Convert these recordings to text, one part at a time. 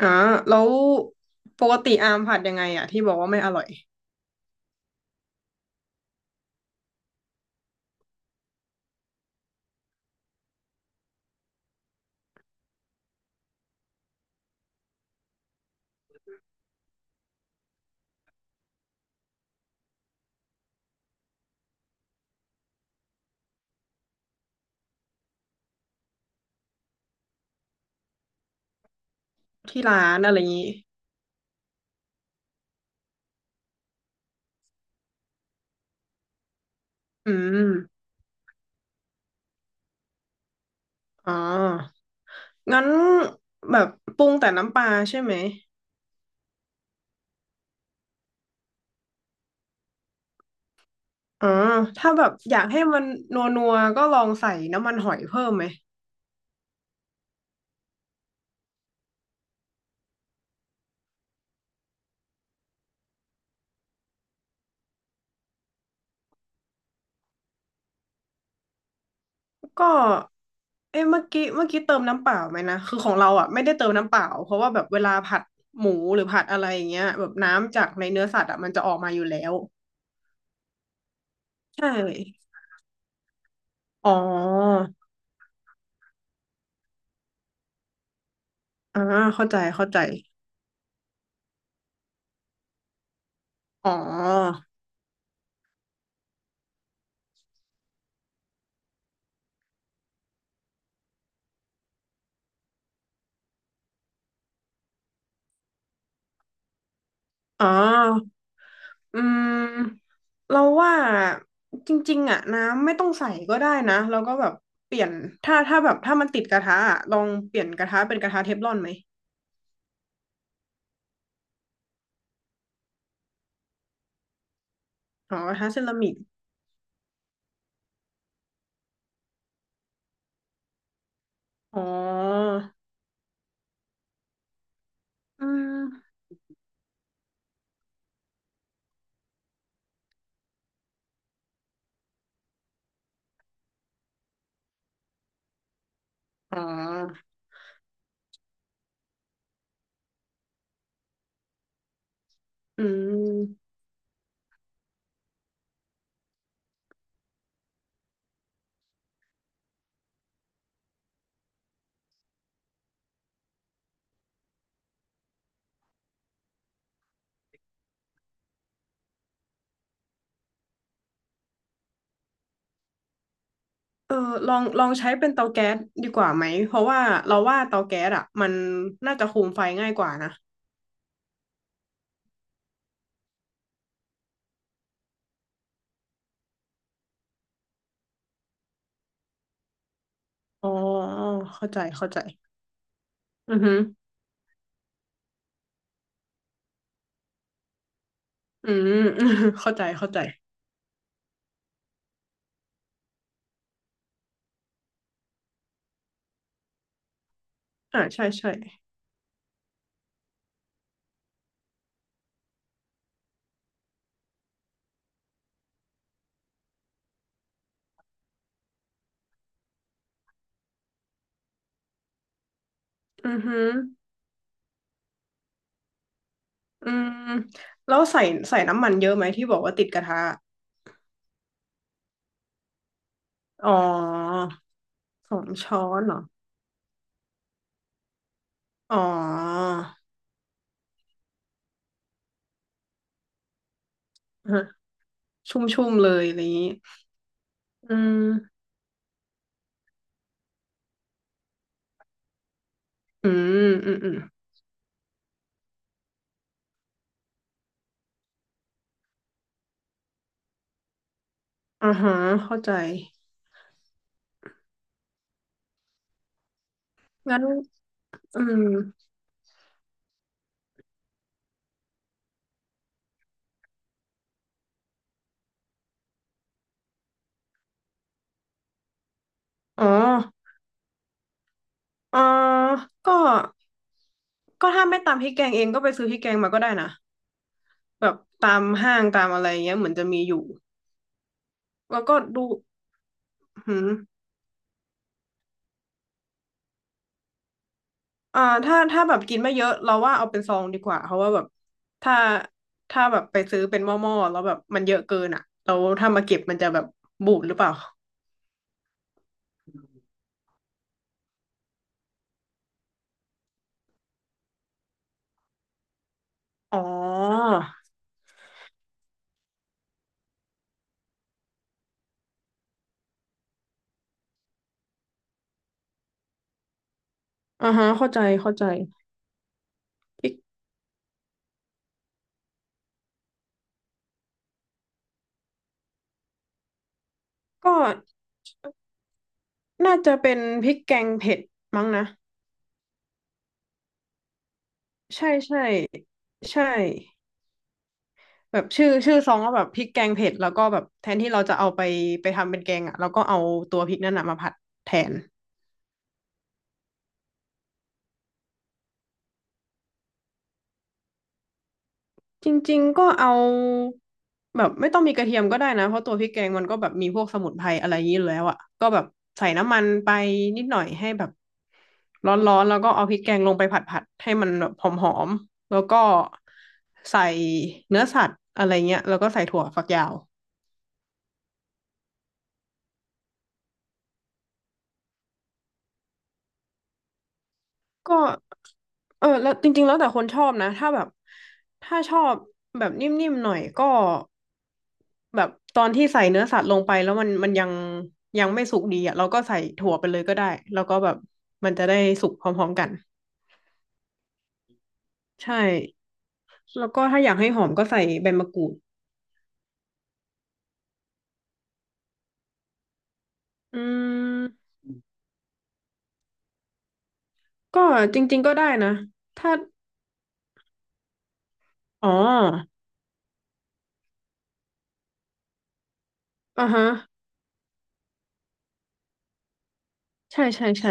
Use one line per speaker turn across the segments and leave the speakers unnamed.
อ่าแล้วปกติอามผัดยังไงอ่ะที่บอกว่าไม่อร่อยที่ร้านอะไรอย่างงี้อืมอ๋องั้นแบบปรุงแต่น้ำปลาใช่ไหมอ๋อ ถ้าแบบอยากให้มันนัวนัวก็ลองใส่น้ำมันหอยเพิ่มไหมก็เอ้เมื่อกี้เติมน้ำเปล่าไหมนะ คือของเราอ่ะไม่ได้เติมน้ำเปล่าเพราะว่าแบบเวลาผัดหมูหรือผัดอะไรอย่างเงี้ยแบบน้ำจากในเนื้อสัตว์อ่ะมันจะออกมาอยู่แล้วใช่อ๋ออ่าเข้าใจเข้าใจอ๋อ อ๋ออืมเราว่าจริงๆอ่ะน้ำไม่ต้องใส่ก็ได้นะเราก็แบบเปลี่ยนถ้าถ้าแบบถ้ามันติดกระทะอะลองเปลี่ยนกระทะเป็นกระทะเทฟลอนไหมอ๋อกระทะเซรามิกอ๋ออืมอ๋ออืมเออลองลองใช้เป็นเตาแก๊สดีกว่าไหมเพราะว่าเราว่าเตาแก๊สอ่ะมันน่าจะคุมไฟง่ายกว่านะอ๋อเข้าใจเข้าใจอือหืออืม เข้าใจเข้าใจอ่าใช่ใช่อือหือ อืมแล้วใส่น้ำมันเยอะไหมที่บอกว่าติดกระทะอ๋อสองช้อนเหรออ๋อฮะชุ่มๆเลยอะไรอย่างนี้อืมอืมอืมอืมอ่าฮะเข้าใจงั้นอืมอ๋ออ่าก็ก็ถ้าไม่ตามพริกแกงเองก็ไปซื้อพริกแกงมาก็ได้นะแบบตามห้างตามอะไรเงี้ยเหมือนจะมีอยู่แล้วก็ดูหืม อ่าถ้าถ้าแบบกินไม่เยอะเราว่าเอาเป็นซองดีกว่าเพราะว่าแบบถ้าถ้าแบบไปซื้อเป็นหม้อๆแล้วแบบมันเยอะเกินอ่ะเราถ้ามาเก็บมันจะแบบบูดหรือเปล่าอ๋ออ่าฮะเข้าใจเข้าใจพริกก็น่าจะเป็นพริกแกงเผ็ดมั้งนะใช่ใช่ใช่แบบชื่อซองก็แบบพริกแกงเผ็ดแล้วก็แบบแทนที่เราจะเอาไปไปทำเป็นแกงอ่ะเราก็เอาตัวพริกนั่นน่ะมาผัดแทน จริงๆ ก็เอาแบบไม่ต้องมีกระเทียมก็ได้นะ เพราะตัวพริกแกงมันก็แบบมีพวกสมุนไพรอะไรอย่างนี้อยู่แล้วอ่ะก็แบบใส่น้ำมันไปนิดหน่อยให้แบบร้อนๆ แล้วก็เอาพริกแกงลงไปผัดๆ ให้มันแบบหอมๆแล้วก็ใส่เนื้อสัตว์อะไรเงี้ยแล้วก็ใส่ถั่วฝักยาว ก็เออแล้วจริงๆแล้วแต่คนชอบนะถ้าแบบถ้าชอบแบบนิ่มๆหน่อยก็แบบตอนที่ใส่เนื้อสัตว์ลงไปแล้วมันยังไม่สุกดีอ่ะเราก็ใส่ถั่วไปเลยก็ได้แล้วก็แบบมันจะได้สุกพร้อมๆกันใช่แล้วก็ถ้าอยากให้หอมก็ใส่ใบมะกรูดอืมก็จริงๆก็ได้นะถ้าอ๋ออ่าฮะใช่ใช่ใช่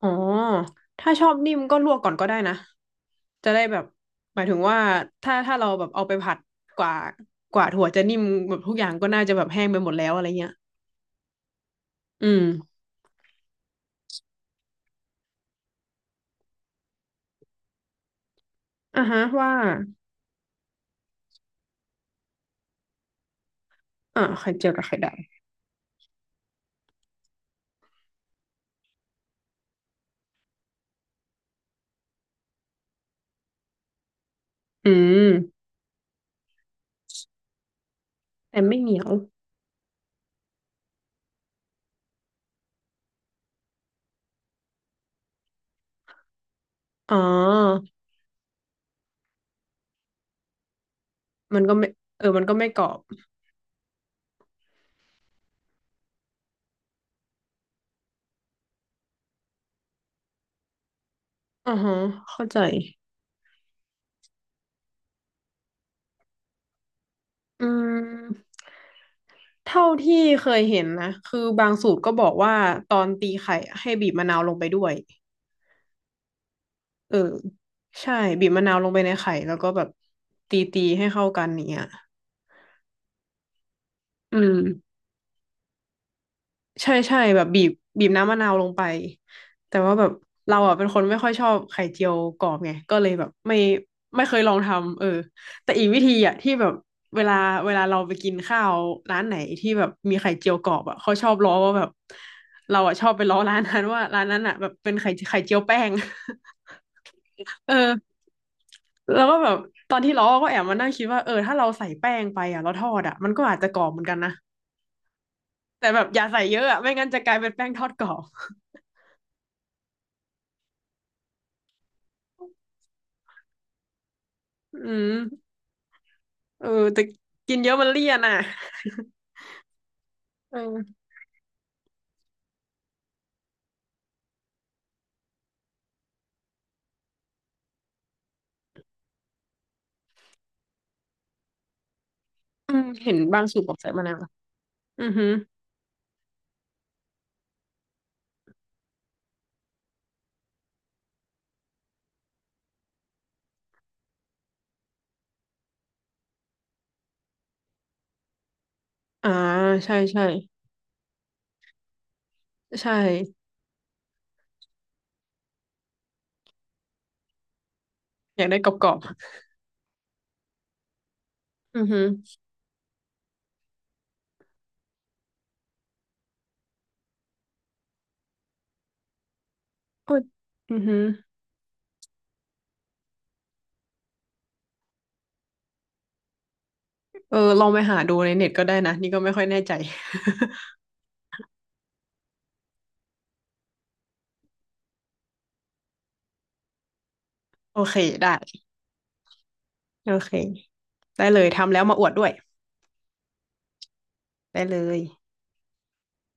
อ๋อถ้าชอบนิ่มก็ลวกก่อนก็ได้นะจะได้แบบหมายถึงว่าถ้าถ้าเราแบบเอาไปผัดกว่า กว่าถั่วจะนิ่มแบบทุกอย่างก็น่าจะแบบแห้งไปหมดแล้วอะไรเงี้ยอืมอ่ะฮะว่าอ่าไข่เจียวกับไข่ดาวอืมแต่ไม่เหนียว อ๋อ มันก็ไม่เออมันก็ไม่กรอบอ่าฮะเข้าใจอืมเท่าที่เคยเห็นนะคือบางสูตรก็บอกว่าตอนตีไข่อให้บีบมะนาวลงไปด้วย เออใช่บีบมะนาวลงไปในไข่แล้วก็แบบตีตีให้เข้ากันอย่างเนี้ยอืมใช่ใช่แบบบีบน้ำมะนาวลงไปแต่ว่าแบบเราอ่ะเป็นคนไม่ค่อยชอบไข่เจียวกรอบไงก็เลยแบบไม่เคยลองทำเออแต่อีกวิธีอ่ะที่แบบเวลาเวลาเราไปกินข้าวร้านไหนที่แบบมีไข่เจียวกรอบอ่ะเขาชอบล้อว่าแบบเราอ่ะชอบไปล้อร้านนั้นว่าร้านนั้นอ่ะแบบเป็นไข่ไข่เจียวแป้ง เออแล้วก็แบบตอนที่ล้อก็แอบมานั่งคิดว่าเออถ้าเราใส่แป้งไปอ่ะเราทอดอ่ะมันก็อาจจะกรอบเหมือนกันนะแต่แบบอย่าใส่เยอะอ่ะไม่งั้นจะกลายเป็นแป้งทอดกรอบ อืมเออแต่กินเยอะมันเลี่ยนอ่ะเอออืมเห็นบางสูตรบอกใส่มะนาวอือฮึอ่าใช่ใช่ใช่อยากได้กรอบๆอือฮึโอยอือฮึเออลองไปหาดูในเน็ตก็ได้นะนี่ก็ไม่ค่อยแน่ใจ โอเคได้โอเคได้เลยทำแล้วมาอวดด้วยได้เลย